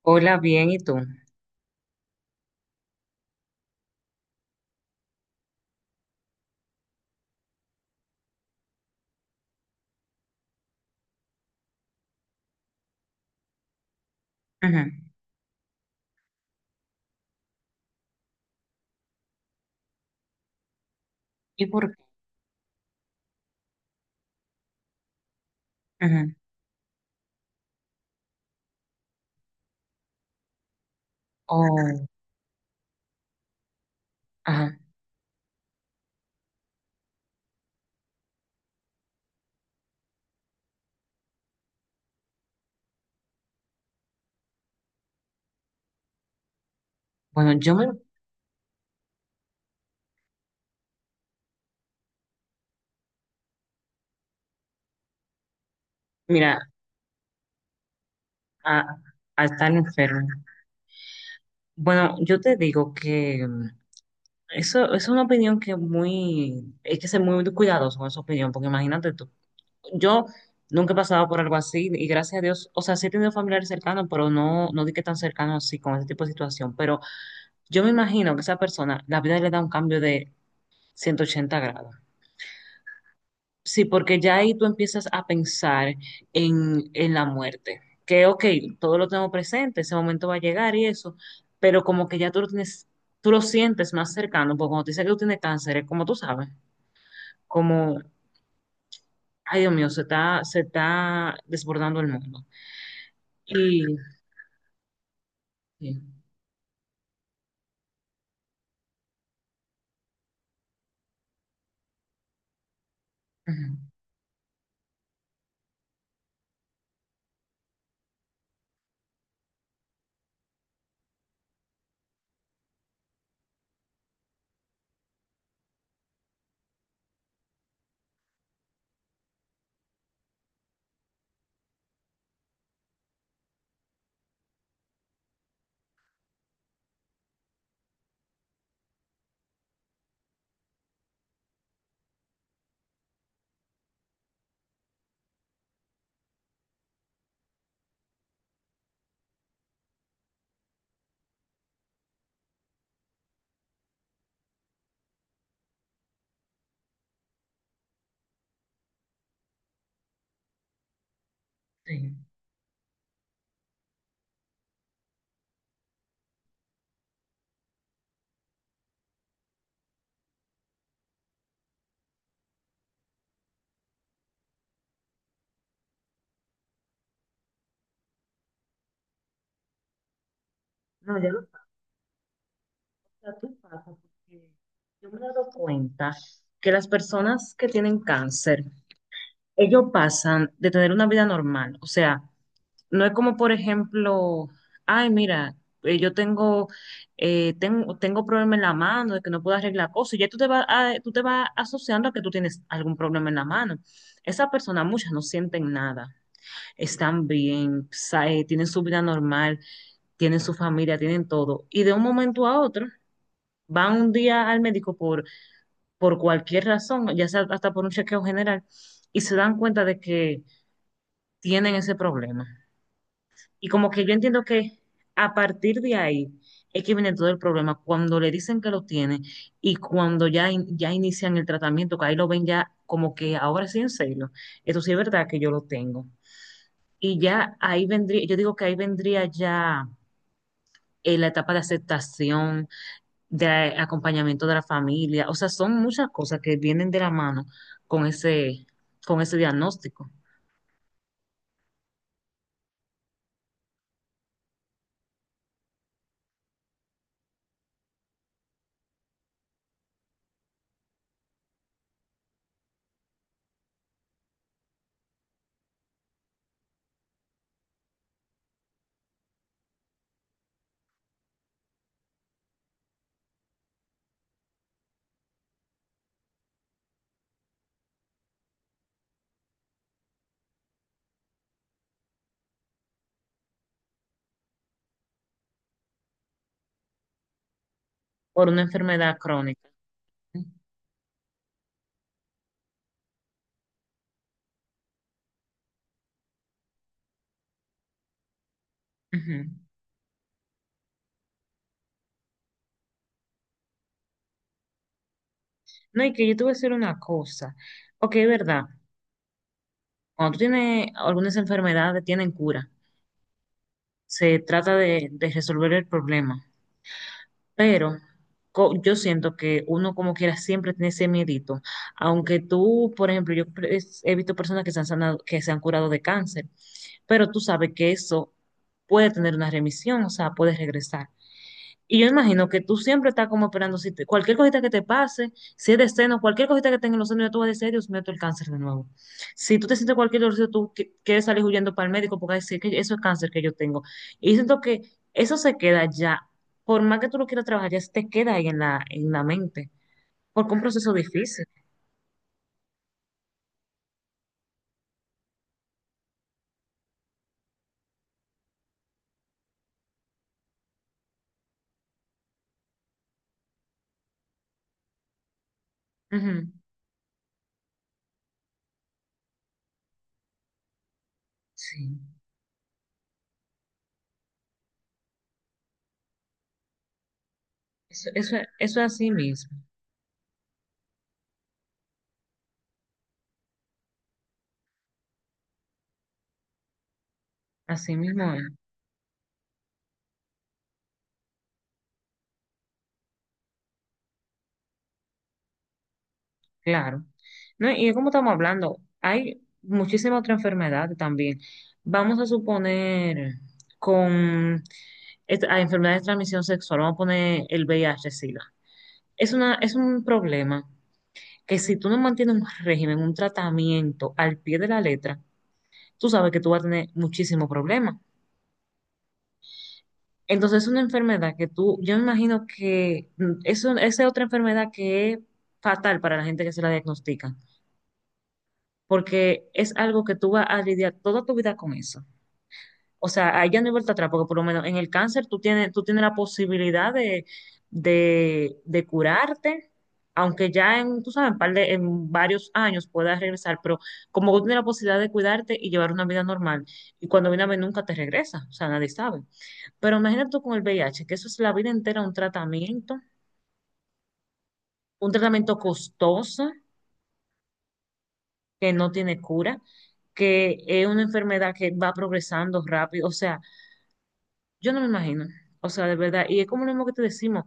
Hola, bien, ¿y tú? Ajá. ¿Y por qué? Ajá. Oh, ajá. Bueno, yo me, mira, a, a estar enfermo. Bueno, yo te digo que eso, es una opinión que muy, hay que ser muy cuidadoso con esa opinión, porque imagínate tú, yo nunca he pasado por algo así y gracias a Dios, o sea, sí he tenido familiares cercanos, pero no, no di que tan cercanos así con ese tipo de situación, pero yo me imagino que esa persona, la vida le da un cambio de 180 grados. Sí, porque ya ahí tú empiezas a pensar en la muerte. Que, ok, todo lo tengo presente, ese momento va a llegar y eso, pero como que ya tú lo tienes, tú lo sientes más cercano, porque cuando te dice que tú tienes cáncer, es como tú sabes, como, ay Dios mío, se está desbordando el mundo. Y, sí, ujú, sí. No, ya lo pasa, tú pasa, porque yo me he dado cuenta que las personas que tienen cáncer, ellos pasan de tener una vida normal, o sea, no es como, por ejemplo, ay, mira, yo tengo, tengo problema en la mano, de que no puedo arreglar cosas, y ya tú te vas, tú te vas asociando a que tú tienes algún problema en la mano. Esa persona, muchas no sienten nada, están bien, tienen su vida normal, tienen su familia, tienen todo, y de un momento a otro van un día al médico por cualquier razón, ya sea hasta por un chequeo general, y se dan cuenta de que tienen ese problema. Y como que yo entiendo que a partir de ahí es que viene todo el problema. Cuando le dicen que lo tiene y cuando ya, ya inician el tratamiento, que ahí lo ven ya como que ahora sí en serio. Eso sí es verdad que yo lo tengo. Y ya ahí vendría, yo digo que ahí vendría ya la etapa de aceptación, de acompañamiento de la familia. O sea, son muchas cosas que vienen de la mano con ese, con ese diagnóstico por una enfermedad crónica. Ujú. No, y que yo te voy a decir una cosa. Ok, es verdad. Cuando tú tienes algunas enfermedades, tienen cura. Se trata de resolver el problema. Pero yo siento que uno como quiera siempre tiene ese miedito. Aunque tú, por ejemplo, he visto personas que se han sanado, que se han curado de cáncer, pero tú sabes que eso puede tener una remisión, o sea, puede regresar. Y yo imagino que tú siempre estás como esperando si te- cualquier cosita que te pase, si es de seno, cualquier cosita que tenga en los senos, ya tú vas a decir: "Ay, Dios mío, esto es el cáncer de nuevo. Si tú te sientes cualquier dolor, tú quieres salir huyendo para el médico porque vas a decir que eso es cáncer que yo tengo". Y siento que eso se queda ya, por más que tú lo quieras trabajar, ya se te queda ahí en la mente, porque es un proceso difícil. Ujú. Sí, eso es así mismo es. Claro. No, y como estamos hablando, hay muchísimas otras enfermedades también. Vamos a suponer con a enfermedades de transmisión sexual, vamos a poner el V VIH-Sida. Es una, es un problema que si tú no mantienes un régimen, un tratamiento al pie de la letra, tú sabes que tú vas a tener muchísimos problemas. Entonces es una enfermedad que tú, yo me imagino que eso, esa es otra enfermedad que es fatal para la gente que se la diagnostica porque es algo que tú vas a lidiar toda tu vida con eso. O sea, ahí ya no hay vuelta atrás, porque por lo menos en el cáncer tú tienes la posibilidad de, de curarte, aunque ya en, tú sabes, en, en varios años puedas regresar, pero como tú tienes la posibilidad de cuidarte y llevar una vida normal, y cuando viene a ver nunca te regresa, o sea, nadie sabe. Pero imagínate tú con el VIH, que eso es la vida entera un tratamiento costoso, que no tiene cura, que es una enfermedad que va progresando rápido. O sea, yo no me imagino. O sea, de verdad, y es como lo mismo que te decimos,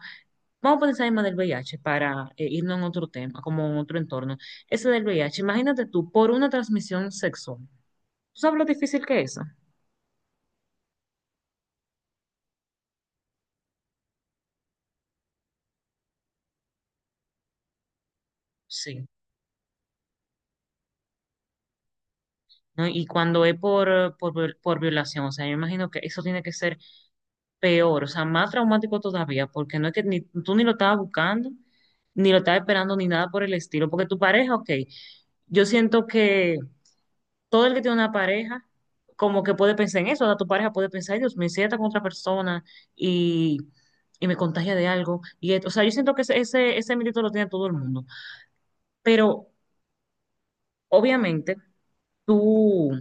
vamos a poner en más del VIH para irnos en otro tema, como en otro entorno. Ese del VIH, imagínate tú, por una transmisión sexual. ¿Tú sabes lo difícil que es eso? Sí. ¿No? Y cuando es por, por violación, o sea, yo imagino que eso tiene que ser peor, o sea, más traumático todavía, porque no es que ni, tú ni lo estabas buscando, ni lo estabas esperando, ni nada por el estilo, porque tu pareja, ok, yo siento que todo el que tiene una pareja, como que puede pensar en eso, o sea, tu pareja puede pensar: "Ay, Dios, me sienta con otra persona y, y me contagia de algo, y esto", o sea, yo siento que ese miedito lo tiene todo el mundo, pero obviamente tú,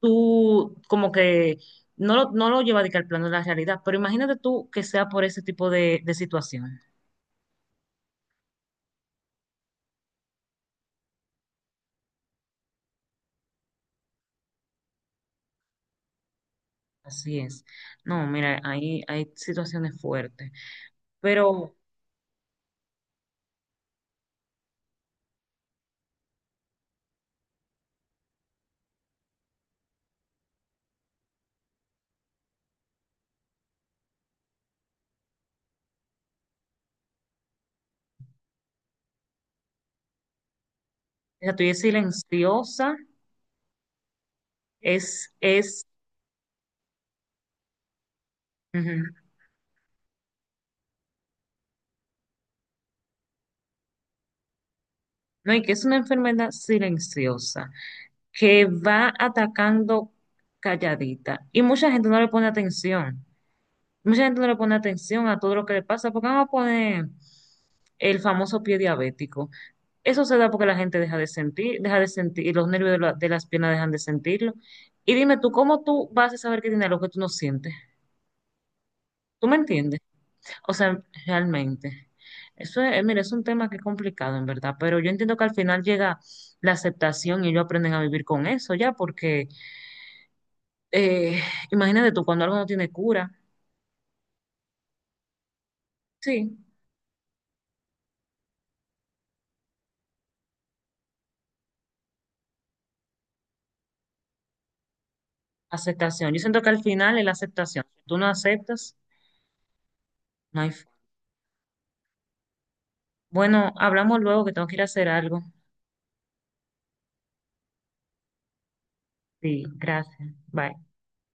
tú como que no lo, no lo lleva de que al plano de la realidad, pero imagínate tú que sea por ese tipo de situaciones. Así es. No, mira, hay situaciones fuertes, pero o sea, tú y es silenciosa, es, ujú. No, y que es una enfermedad silenciosa, que va atacando calladita. Y mucha gente no le pone atención. Mucha gente no le pone atención a todo lo que le pasa, porque vamos a poner el famoso pie diabético. Eso se da porque la gente deja de sentir, y los nervios de, de las piernas dejan de sentirlo. Y dime tú, ¿cómo tú vas a saber que tiene algo que tú no sientes? ¿Tú me entiendes? O sea, realmente, eso es, mira, es un tema que es complicado en verdad, pero yo entiendo que al final llega la aceptación y ellos aprenden a vivir con eso ya, porque eh, imagínate tú, cuando algo no tiene cura, sí, aceptación. Yo siento que al final es la aceptación. Si tú no aceptas, no hay forma. Bueno, hablamos luego que tengo que ir a hacer algo. Sí, gracias. Bye.